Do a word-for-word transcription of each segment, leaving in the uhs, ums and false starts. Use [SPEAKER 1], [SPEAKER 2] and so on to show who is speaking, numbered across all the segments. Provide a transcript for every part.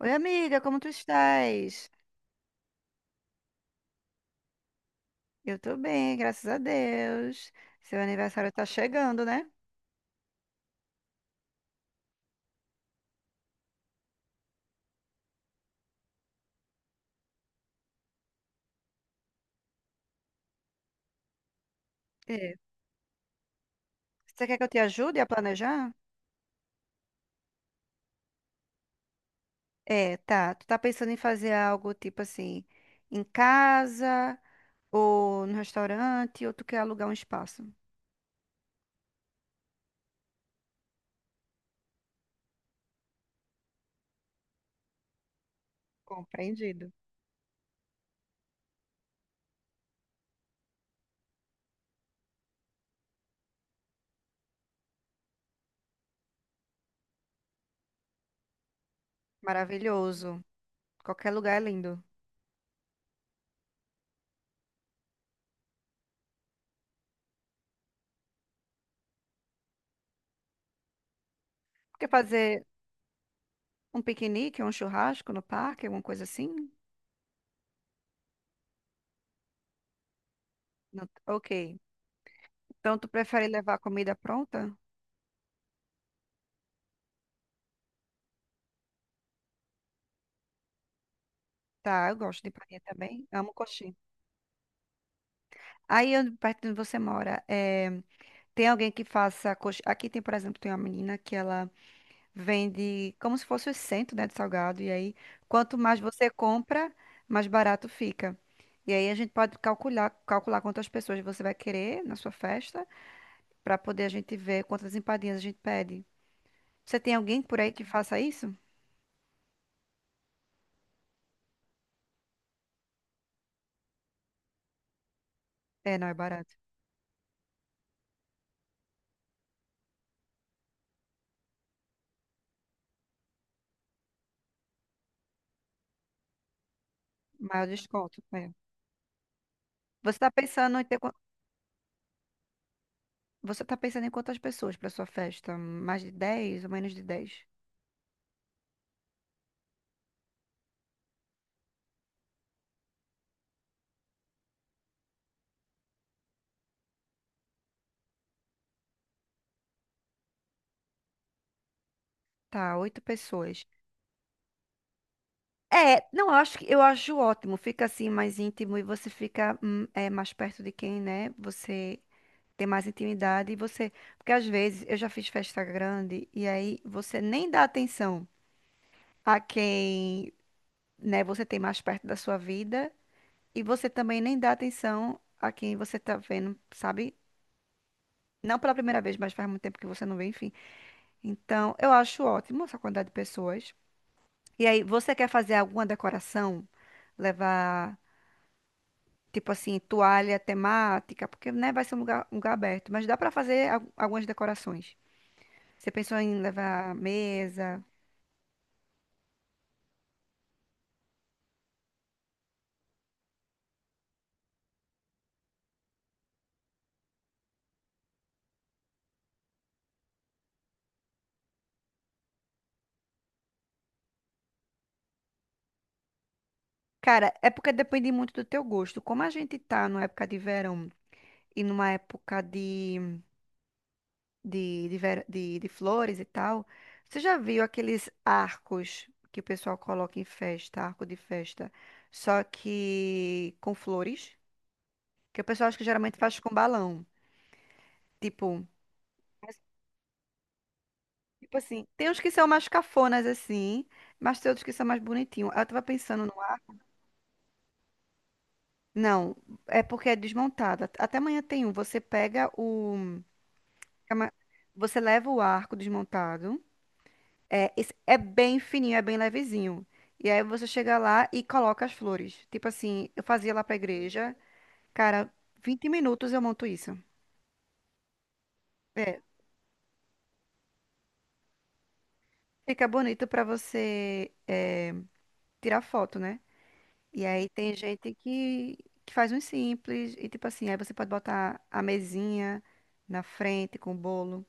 [SPEAKER 1] Oi, amiga, como tu estás? Eu tô bem, graças a Deus. Seu aniversário tá chegando, né? É. Você quer que eu te ajude a planejar? É, tá. Tu tá pensando em fazer algo tipo assim, em casa, ou no restaurante, ou tu quer alugar um espaço? Compreendido. Maravilhoso. Qualquer lugar é lindo. Quer fazer um piquenique, um churrasco no parque, alguma coisa assim? Não- ok. Então, tu prefere levar comida pronta? Tá, eu gosto de painha também. Amo coxinha. Aí, onde- perto de onde você mora, eh, tem alguém que faça coxa... Aqui tem, por exemplo, tem uma menina que ela vende como se fosse o cento, né, de salgado. E aí, quanto mais você compra, mais barato fica. E aí a gente pode calcular, calcular quantas pessoas você vai querer na sua festa, para poder a gente ver quantas empadinhas a gente pede. Você tem alguém por aí que faça isso? É, não é barato. Maior desconto. É. Você tá pensando em ter... quan- Você tá pensando em quantas pessoas para sua festa? Mais de dez ou menos de dez? Tá, oito pessoas. É, não, eu acho que eu acho ótimo. Fica assim mais íntimo e você fica hum, é, mais perto de quem, né? Você tem mais intimidade e você, porque às vezes eu já fiz festa grande e aí você nem dá atenção a quem, né? Você tem mais perto da sua vida e você também nem dá atenção a quem você tá vendo, sabe? Não pela primeira vez, mas faz muito tempo que você não vê, enfim. Então, eu acho ótimo essa quantidade de pessoas. E aí, você quer fazer alguma decoração? Levar tipo assim, toalha temática, porque, né, vai ser um lugar, um lugar aberto. Mas dá pra fazer al- algumas decorações. Você pensou em levar mesa? Cara, é porque depende muito do teu gosto. Como a gente tá numa época de verão e numa época de, de, de, ver- de- de flores e tal, você já viu aqueles arcos que o pessoal coloca em festa, arco de festa, só que com flores? Que o pessoal acho que geralmente faz com balão. Tipo. Tipo assim, tem uns que são mais cafonas assim, mas tem outros que são mais bonitinhos. Aí eu tava pensando no. Não, é porque é desmontado. At- Até amanhã tem um. Você pega o cama- Você leva o arco desmontado. É, esse- é bem fininho, é bem levezinho. E aí você chega lá e coloca as flores. Tipo assim, eu fazia lá pra igreja. Cara, vinte minutos eu monto isso. É, fica bonito pra você é, tirar foto, né? E aí tem gente que, que faz uns simples e tipo assim, aí você pode botar a mesinha na frente com o bolo.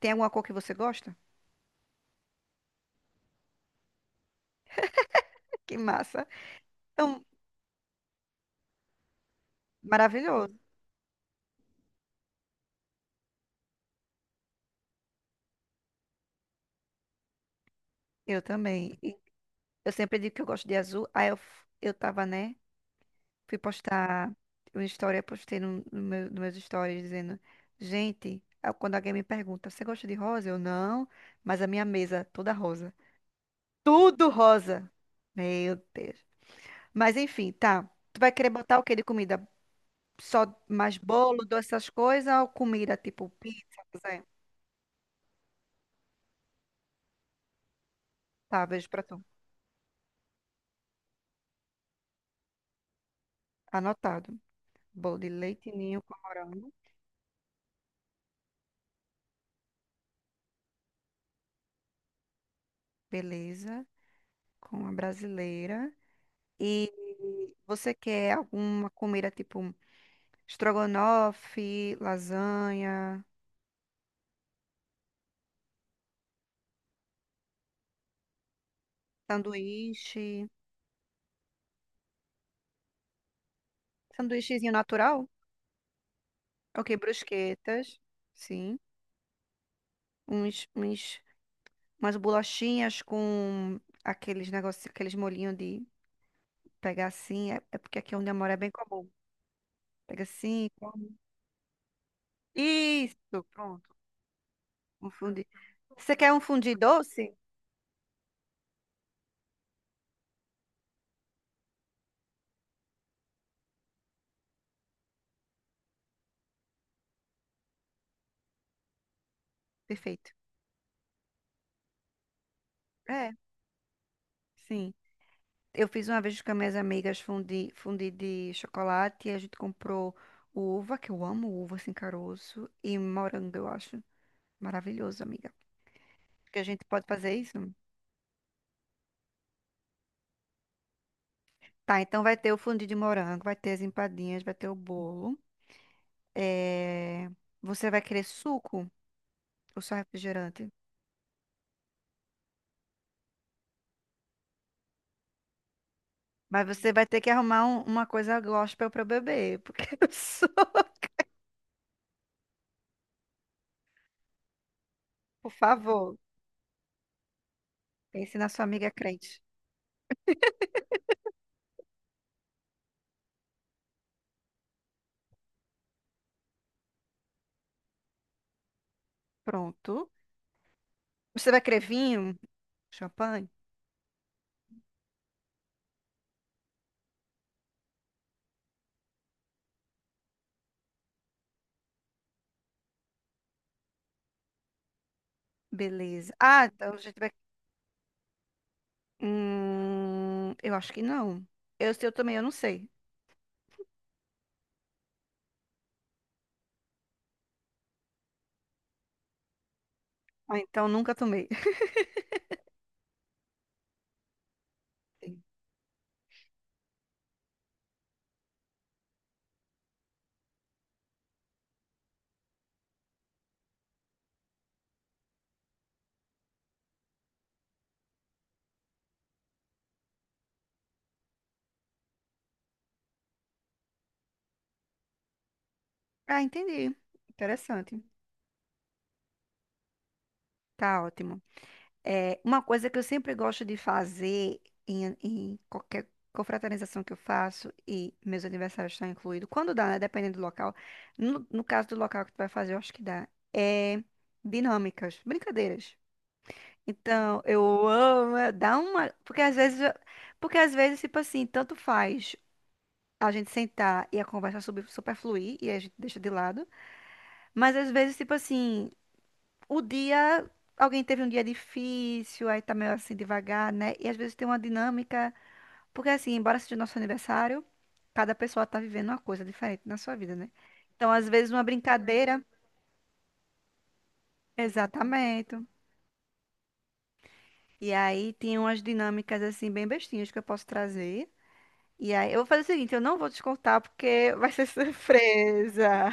[SPEAKER 1] Tem alguma cor que você gosta? Que massa. Então, maravilhoso. Eu também. E eu sempre digo que eu gosto de azul. Aí eu, f- eu tava, né? Fui postar uma história, postei no, no meu, nos meus stories dizendo, gente, aí quando alguém me pergunta, você gosta de rosa? Eu não, mas a minha mesa é toda rosa. Tudo rosa. Meu Deus. Mas enfim, tá. Tu vai querer botar o quê de comida? Só mais bolo, doce, essas coisas ou comida tipo pizza, coisa? Tá, vejo pra tu. Anotado. Bolo de leite ninho com morango. Beleza. Com a brasileira. E você quer alguma comida tipo estrogonofe, lasanha, sanduíche? Sanduíchezinho natural? Ok, brusquetas. Sim. Uns, uns umas bolachinhas com aqueles negócios, aqueles molhinhos de pegar assim. É, é porque aqui onde eu moro é bem comum. Pega assim, come. Isso, pronto. Um fundi. Você quer um fundi doce? Perfeito. É, sim. Eu fiz uma vez com as minhas amigas fundi, fundi de chocolate e a gente comprou uva, que eu amo uva sem caroço, e morango, eu acho. Maravilhoso, amiga. Que a gente pode fazer isso? Tá, então vai ter o fundi de morango, vai ter as empadinhas, vai ter o bolo. É, você vai querer suco ou só refrigerante? Mas você vai ter que arrumar um- uma coisa gospel pra eu beber, porque eu sou... Por favor, pense na sua amiga crente. Pronto. Você vai querer vinho? Champanhe? Beleza. Ah, então a gente vai... Hum, eu acho que não. Eu, se eu tomei, eu não sei. Ah, então nunca tomei. Ah, entendi. Interessante. Tá ótimo. É, uma coisa que eu sempre gosto de fazer em, em qualquer confraternização que eu faço, e meus aniversários estão incluídos, quando dá, né? Dependendo do local. No, no caso do local que tu vai fazer, eu acho que dá. É dinâmicas, brincadeiras. Então, eu amo, é, dá uma. Porque às vezes, eu- porque às vezes, tipo assim, tanto faz a gente sentar e a conversa super, super fluir, e a gente deixa de lado. Mas às vezes, tipo assim o dia, alguém teve um dia difícil, aí tá meio assim devagar, né? E às vezes tem uma dinâmica, porque assim, embora seja nosso aniversário, cada pessoa tá vivendo uma coisa diferente na sua vida, né? Então, às vezes uma brincadeira, exatamente. E aí tem umas dinâmicas assim bem bestinhas que eu posso trazer. E aí, eu vou fazer o seguinte, eu não vou descontar porque vai ser surpresa.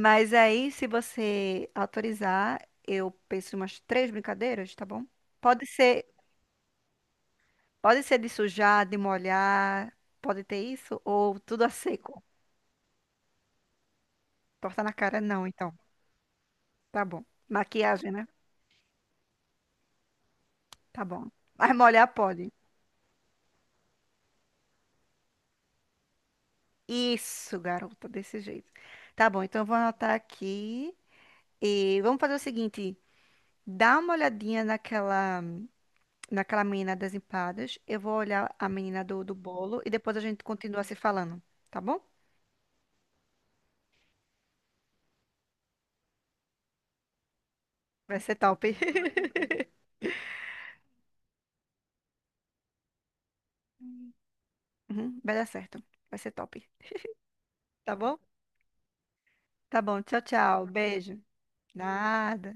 [SPEAKER 1] Mas aí, se você autorizar, eu penso em umas três brincadeiras, tá bom? Pode ser, pode ser de sujar, de molhar, pode ter isso? Ou tudo a seco? Torta na cara não, então. Tá bom. Maquiagem, né? Tá bom. Mas molhar pode. Isso, garota, desse jeito. Tá bom, então eu vou anotar aqui. E vamos fazer o seguinte: dá uma olhadinha naquela, naquela menina das empadas. Eu vou olhar a menina do, do bolo e depois a gente continua se falando, tá bom? Vai ser top. Uhum, vai dar certo. Vai ser top. Tá bom? Tá bom. Tchau, tchau. Beijo. Nada.